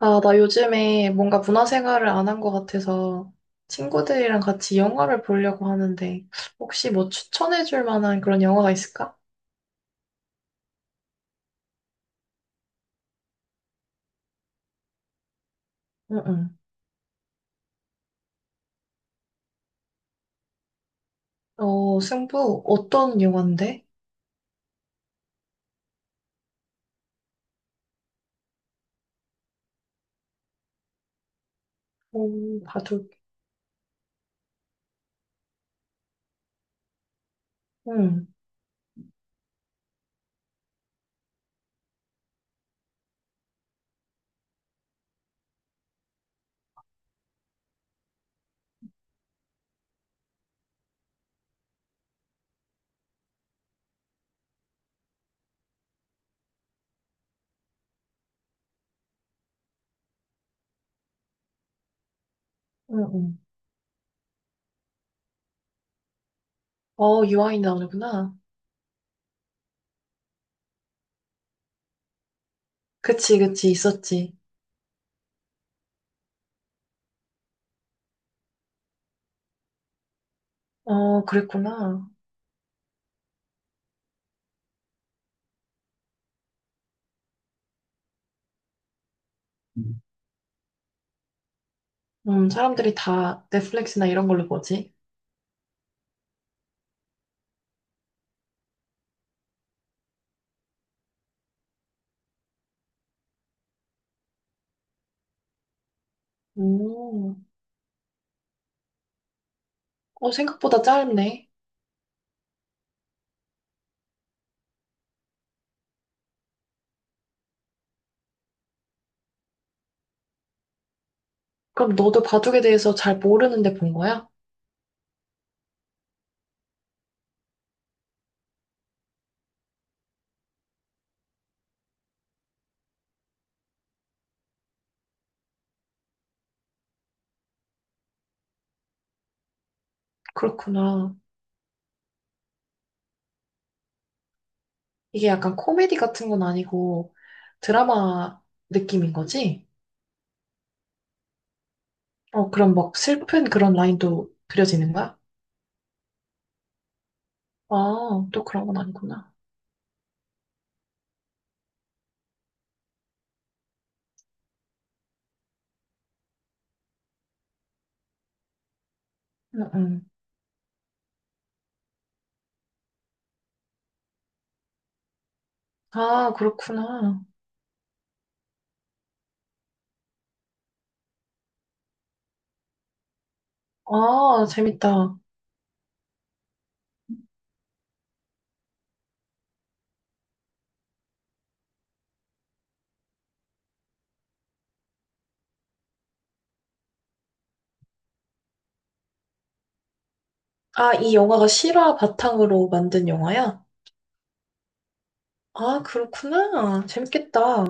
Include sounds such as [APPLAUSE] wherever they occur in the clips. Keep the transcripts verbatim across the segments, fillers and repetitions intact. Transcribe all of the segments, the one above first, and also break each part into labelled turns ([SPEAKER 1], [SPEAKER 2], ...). [SPEAKER 1] 아, 나 요즘에 뭔가 문화생활을 안 한 것 같아서 친구들이랑 같이 영화를 보려고 하는데 혹시 뭐 추천해줄 만한 그런 영화가 있을까? 응응. 어, 승부 어떤 영화인데? 음, 바둑. 응, 응응. 어, 유아인 나오는구나. 그치, 그치, 있었지. 어, 그랬구나. 음. 음, 사람들이 다 넷플릭스나 이런 걸로 보지. 음, 어, 생각보다 짧네. 그럼 너도 바둑에 대해서 잘 모르는데 본 거야? 그렇구나. 이게 약간 코미디 같은 건 아니고 드라마 느낌인 거지? 어, 그럼 막 슬픈 그런 라인도 그려지는 거야? 아, 또 그런 건 아니구나. 응, 응. 아, 그렇구나. 아, 재밌다. 아, 이 영화가 실화 바탕으로 만든 영화야? 아, 그렇구나. 재밌겠다.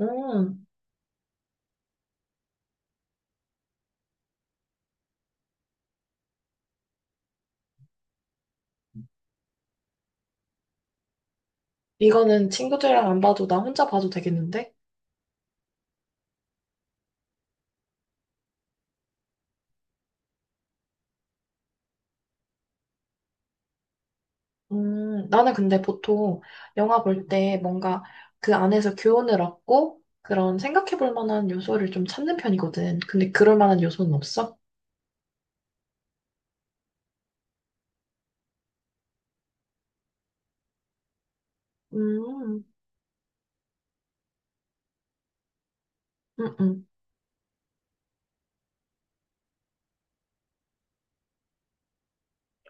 [SPEAKER 1] 음, 이거는 친구들이랑 안 봐도 나 혼자 봐도 되겠는데? 음, 나는 근데 보통 영화 볼 때 뭔가 그 안에서 교훈을 얻고 그런 생각해 볼 만한 요소를 좀 찾는 편이거든. 근데 그럴 만한 요소는 없어? 음, 음, 음.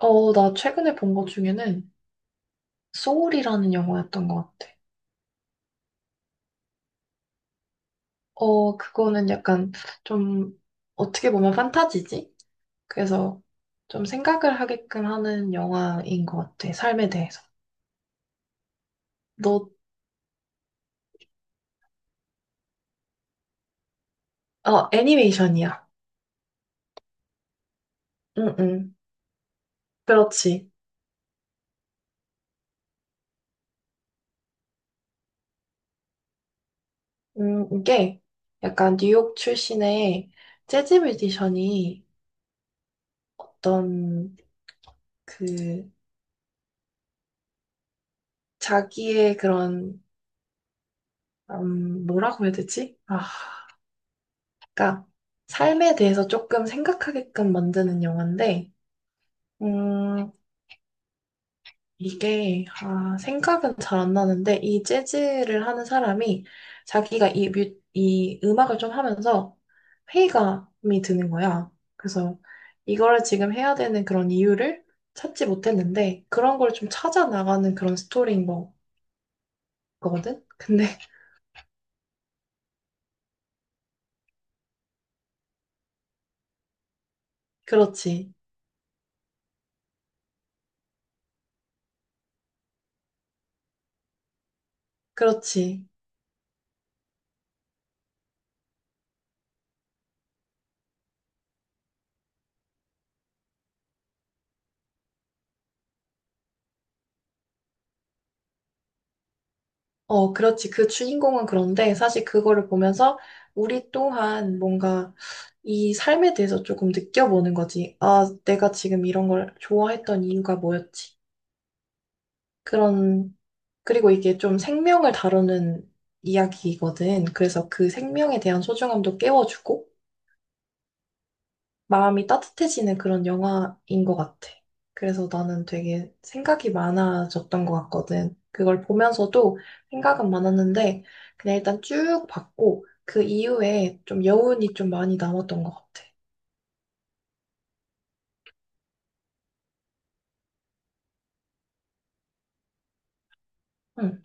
[SPEAKER 1] 어, 나 최근에 본 것 중에는 소울이라는 영화였던 것 같아. 어, 그거는 약간 좀 어떻게 보면 판타지지? 그래서 좀 생각을 하게끔 하는 영화인 것 같아. 삶에 대해서. 너, 어, 애니메이션이야. 응, 응. 그렇지. 음, 이게 약간 뉴욕 출신의 재즈 뮤지션이 어떤 그 자기의 그런 음, 뭐라고 해야 되지? 아, 그러니까 삶에 대해서 조금 생각하게끔 만드는 영화인데, 음, 이게 아, 생각은 잘 안 나는데 이 재즈를 하는 사람이 자기가 이, 뮤, 이 음악을 좀 하면서 회의감이 드는 거야. 그래서 이거를 지금 해야 되는 그런 이유를 찾지 못했는데 그런 걸 좀 찾아 나가는 그런 스토리인 거, 거든 근데 [LAUGHS] 그렇지, 그렇지. 어, 그렇지. 그 주인공은 그런데 사실 그거를 보면서 우리 또한 뭔가 이 삶에 대해서 조금 느껴보는 거지. 아, 내가 지금 이런 걸 좋아했던 이유가 뭐였지? 그런, 그리고 이게 좀 생명을 다루는 이야기거든. 그래서 그 생명에 대한 소중함도 깨워주고, 마음이 따뜻해지는 그런 영화인 것 같아. 그래서 나는 되게 생각이 많아졌던 것 같거든. 그걸 보면서도 생각은 많았는데, 그냥 일단 쭉 봤고, 그 이후에 좀 여운이 좀 많이 남았던 것 같아. 응.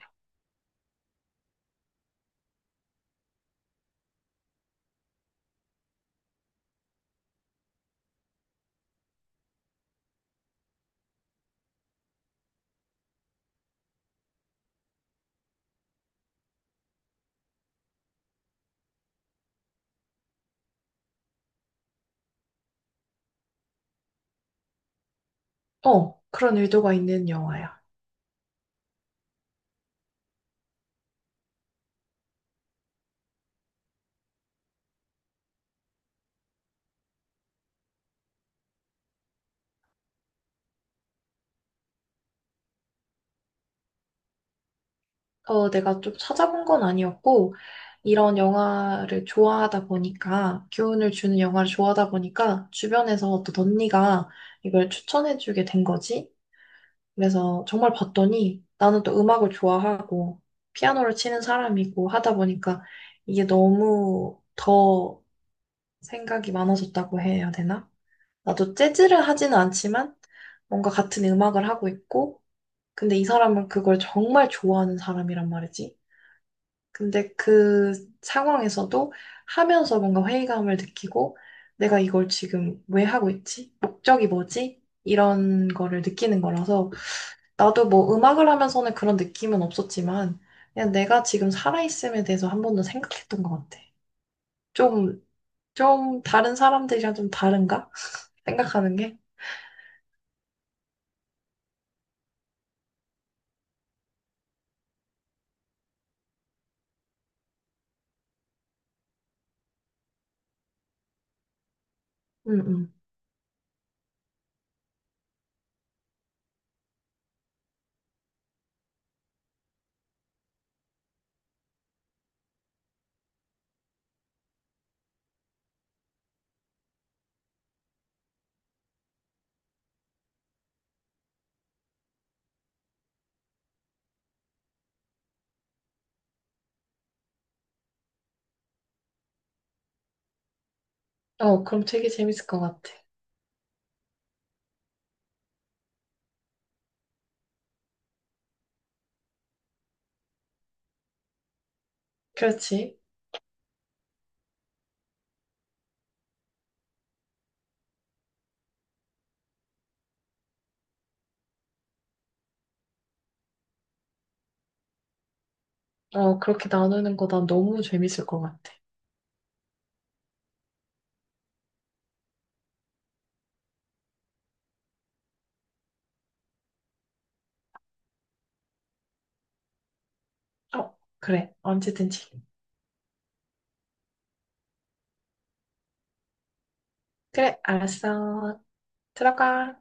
[SPEAKER 1] 어, 그런 의도가 있는 영화야. 어, 내가 좀 찾아본 건 아니었고, 이런 영화를 좋아하다 보니까, 교훈을 주는 영화를 좋아하다 보니까, 주변에서 어떤 언니가 이걸 추천해주게 된 거지. 그래서 정말 봤더니 나는 또 음악을 좋아하고 피아노를 치는 사람이고 하다 보니까 이게 너무 더 생각이 많아졌다고 해야 되나? 나도 재즈를 하지는 않지만 뭔가 같은 음악을 하고 있고 근데 이 사람은 그걸 정말 좋아하는 사람이란 말이지. 근데 그 상황에서도 하면서 뭔가 회의감을 느끼고 내가 이걸 지금 왜 하고 있지? 목적이 뭐지? 이런 거를 느끼는 거라서 나도 뭐 음악을 하면서는 그런 느낌은 없었지만, 그냥 내가 지금 살아있음에 대해서 한 번도 생각했던 것 같아. 좀, 좀 다른 사람들이랑 좀 다른가? 생각하는 게? 응, 응. 어, 그럼 되게 재밌을 것 같아. 그렇지. 어, 그렇게 나누는 거 난 너무 재밌을 것 같아. 어, 그래. 언제든지. 그래, 알았어. 들어가.